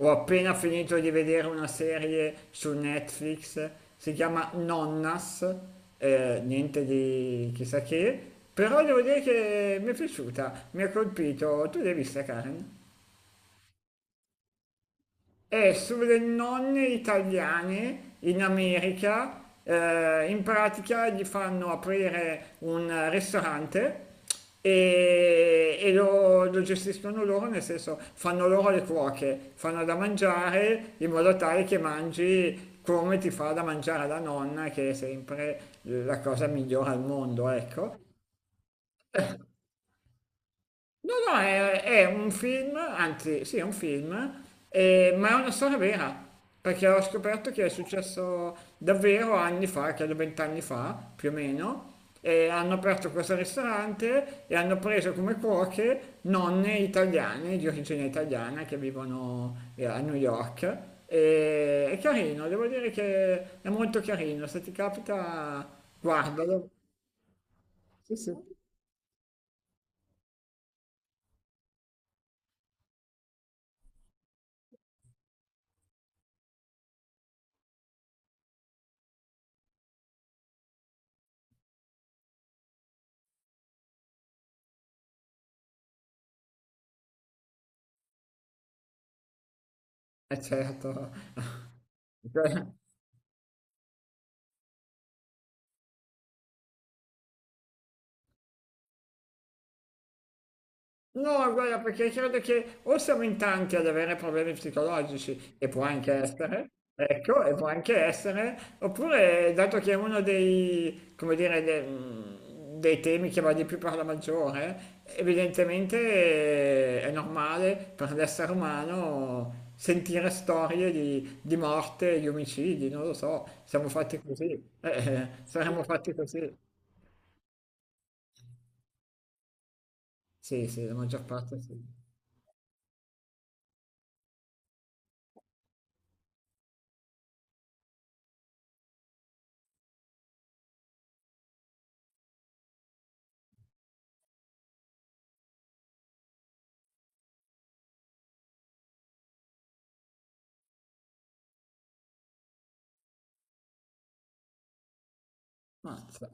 Ho appena finito di vedere una serie su Netflix, si chiama Nonnas. Niente di chissà che, però devo dire che mi è piaciuta, mi ha colpito. Tu l'hai vista, Karen? È sulle nonne italiane in America, in pratica gli fanno aprire un ristorante e lo gestiscono loro, nel senso fanno loro le cuoche, fanno da mangiare in modo tale che mangi come ti fa da mangiare la nonna, che è sempre la cosa migliore al mondo, ecco. No, no, è un film, anzi, sì, è un film, ma è una storia vera, perché ho scoperto che è successo davvero anni fa, credo vent'anni fa, più o meno, e hanno aperto questo ristorante e hanno preso come cuoche nonne italiane, di origine italiana, che vivono a New York. E è carino, devo dire che è molto carino, se ti capita, guardalo. Sì, sì, è certo. No, guarda, perché credo che o siamo in tanti ad avere problemi psicologici, e può anche essere, ecco, e può anche essere, oppure dato che è uno dei, come dire, dei temi che va di più per la maggiore, evidentemente è normale per l'essere umano sentire storie di morte, di omicidi, non lo so, siamo fatti così, saremmo fatti così. Sì, sì, la maggior parte sì. Mazza.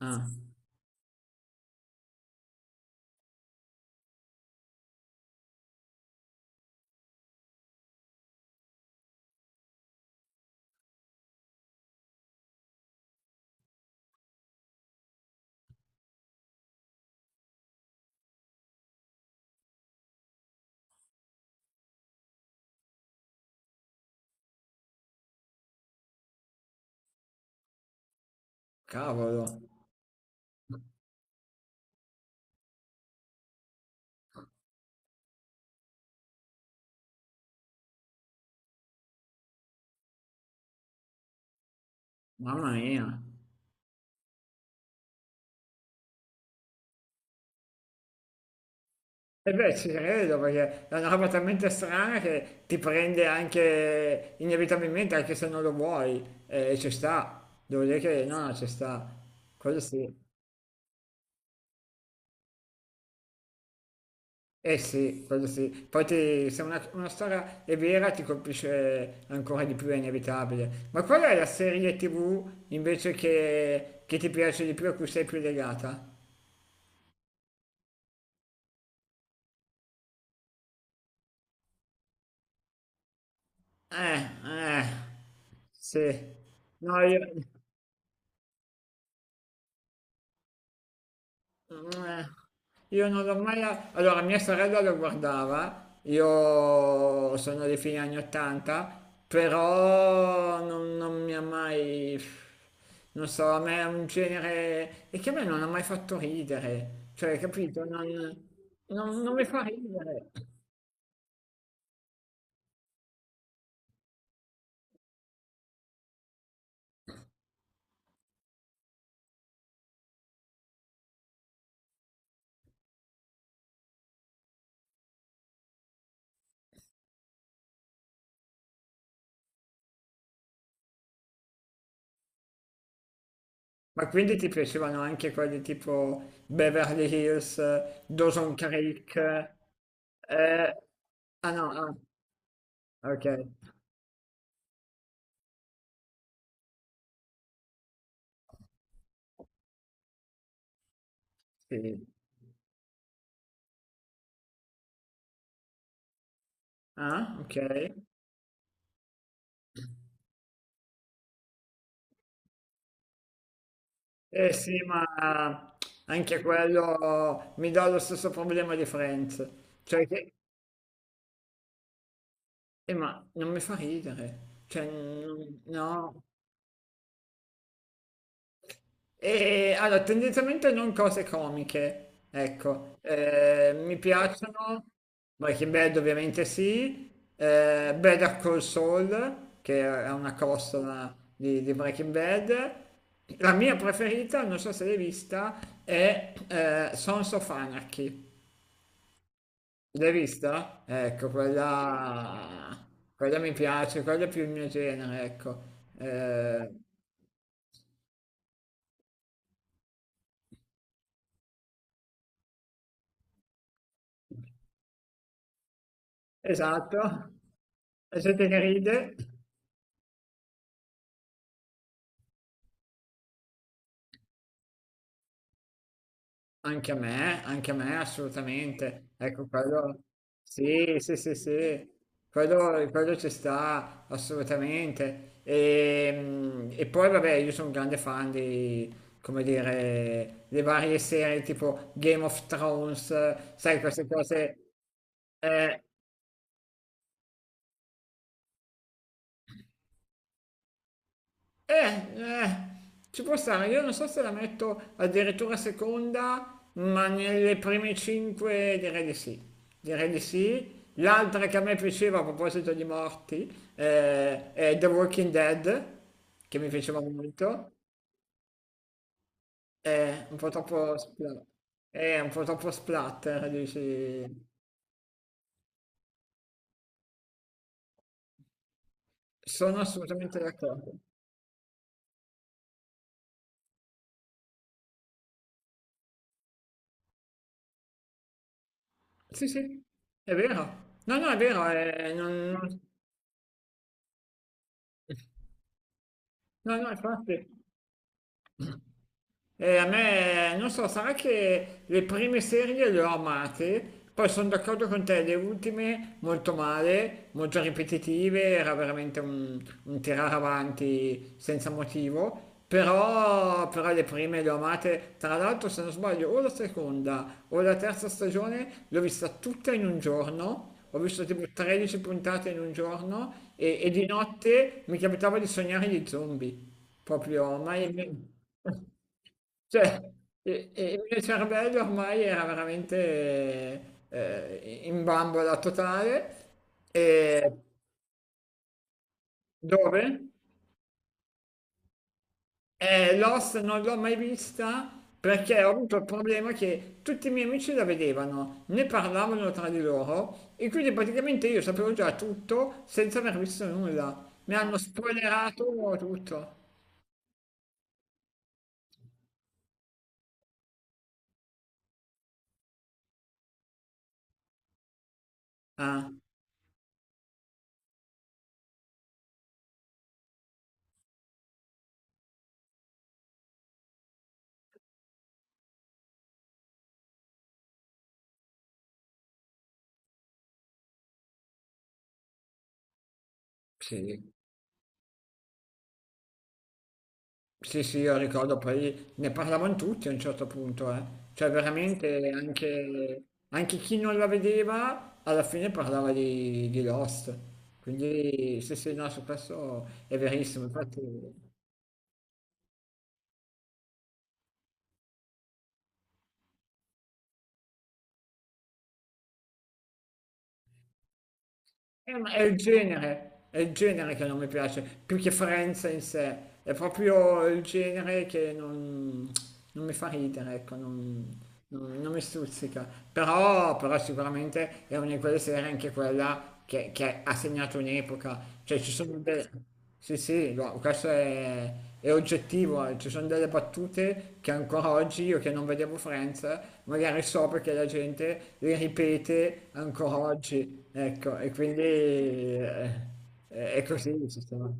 Ah, cavolo. Mamma mia. E beh, ci credo perché è una roba talmente strana che ti prende anche inevitabilmente, anche se non lo vuoi, e ci sta. Devo dire che no, no, ci sta. Quello sì. Eh sì, quello sì. Poi ti- se una, una storia è vera ti colpisce ancora di più, è inevitabile. Ma qual è la serie TV invece che ti piace di più, a cui sei più legata? Eh, eh, sì. No, io... Eh, Io non l'ho mai... Allora, mia sorella lo guardava, io sono dei fine anni 80, però non, non mi ha mai... Non so, a me è un genere... E che a me non ha mai fatto ridere, cioè, capito? Non, non mi fa ridere. Ma quindi ti piacevano anche quelli tipo Beverly Hills, Dawson Creek? eh, Ah no, ah, ok, sì. Ah, ok. Eh sì, ma anche quello mi dà lo stesso problema di Friends, cioè che, ma non mi fa ridere, cioè no. E allora, tendenzialmente non cose comiche, ecco. Mi piacciono, Breaking Bad ovviamente sì, Better Call Saul, che è una costola di Breaking Bad, la mia preferita, non so se l'hai vista, è Sons of Anarchy. L'hai vista? Ecco, quella, quella mi piace, quella è più il mio genere, ecco. Eh, esatto. La gente che ride, anche a me assolutamente. Ecco, quello, sì, sì, sì, sì, quello ci sta assolutamente. E, e poi, vabbè, io sono un grande fan di, come dire, le varie serie tipo Game of Thrones, sai, queste cose. eh, Eh, eh, Ci può stare, io non so se la metto addirittura seconda, ma nelle prime cinque direi di sì. Direi di sì. L'altra che a me piaceva a proposito di morti è The Walking Dead, che mi piaceva molto. È un po' troppo spla- è un po' troppo splatter, dici. Sono assolutamente d'accordo. Sì, sì, è vero. No, no, è vero, è- no, no, infatti. E a me, non so, sarà che le prime serie le ho amate, poi sono d'accordo con te, le ultime molto male, molto ripetitive, era veramente un tirare avanti senza motivo, però, però le prime le ho amate, tra l'altro se non sbaglio o la seconda o la terza stagione l'ho vista tutta in un giorno, ho visto tipo 13 puntate in un giorno e di notte mi capitava di sognare gli zombie, proprio mai... Cioè, e il mio cervello ormai era veramente in bambola totale. E dove? Lost non l'ho mai vista perché ho avuto il problema che tutti i miei amici la vedevano, ne parlavano tra di loro e quindi praticamente io sapevo già tutto senza aver visto nulla. Mi hanno spoilerato tutto. Ah, sì. Sì, sì, io ricordo, poi ne parlavano tutti a un certo punto, eh. Cioè veramente anche, anche chi non la vedeva alla fine parlava di Lost. Quindi sì, sì, no, su questo è verissimo. Infatti eh, ma è il genere, è il genere che non mi piace, più che Friends in sé, è proprio il genere che non, non mi fa ridere, ecco, non, non mi stuzzica. Però, però sicuramente è una di quelle serie anche quella che ha segnato un'epoca, cioè ci sono delle... Sì, sì, no, questo è oggettivo, eh. Ci sono delle battute che ancora oggi io che non vedevo Friends, magari so perché la gente le ripete ancora oggi, ecco, e quindi è così il sistema.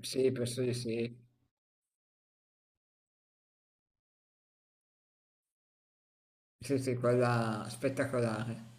Sì, penso di sì, sì, sì, quella spettacolare.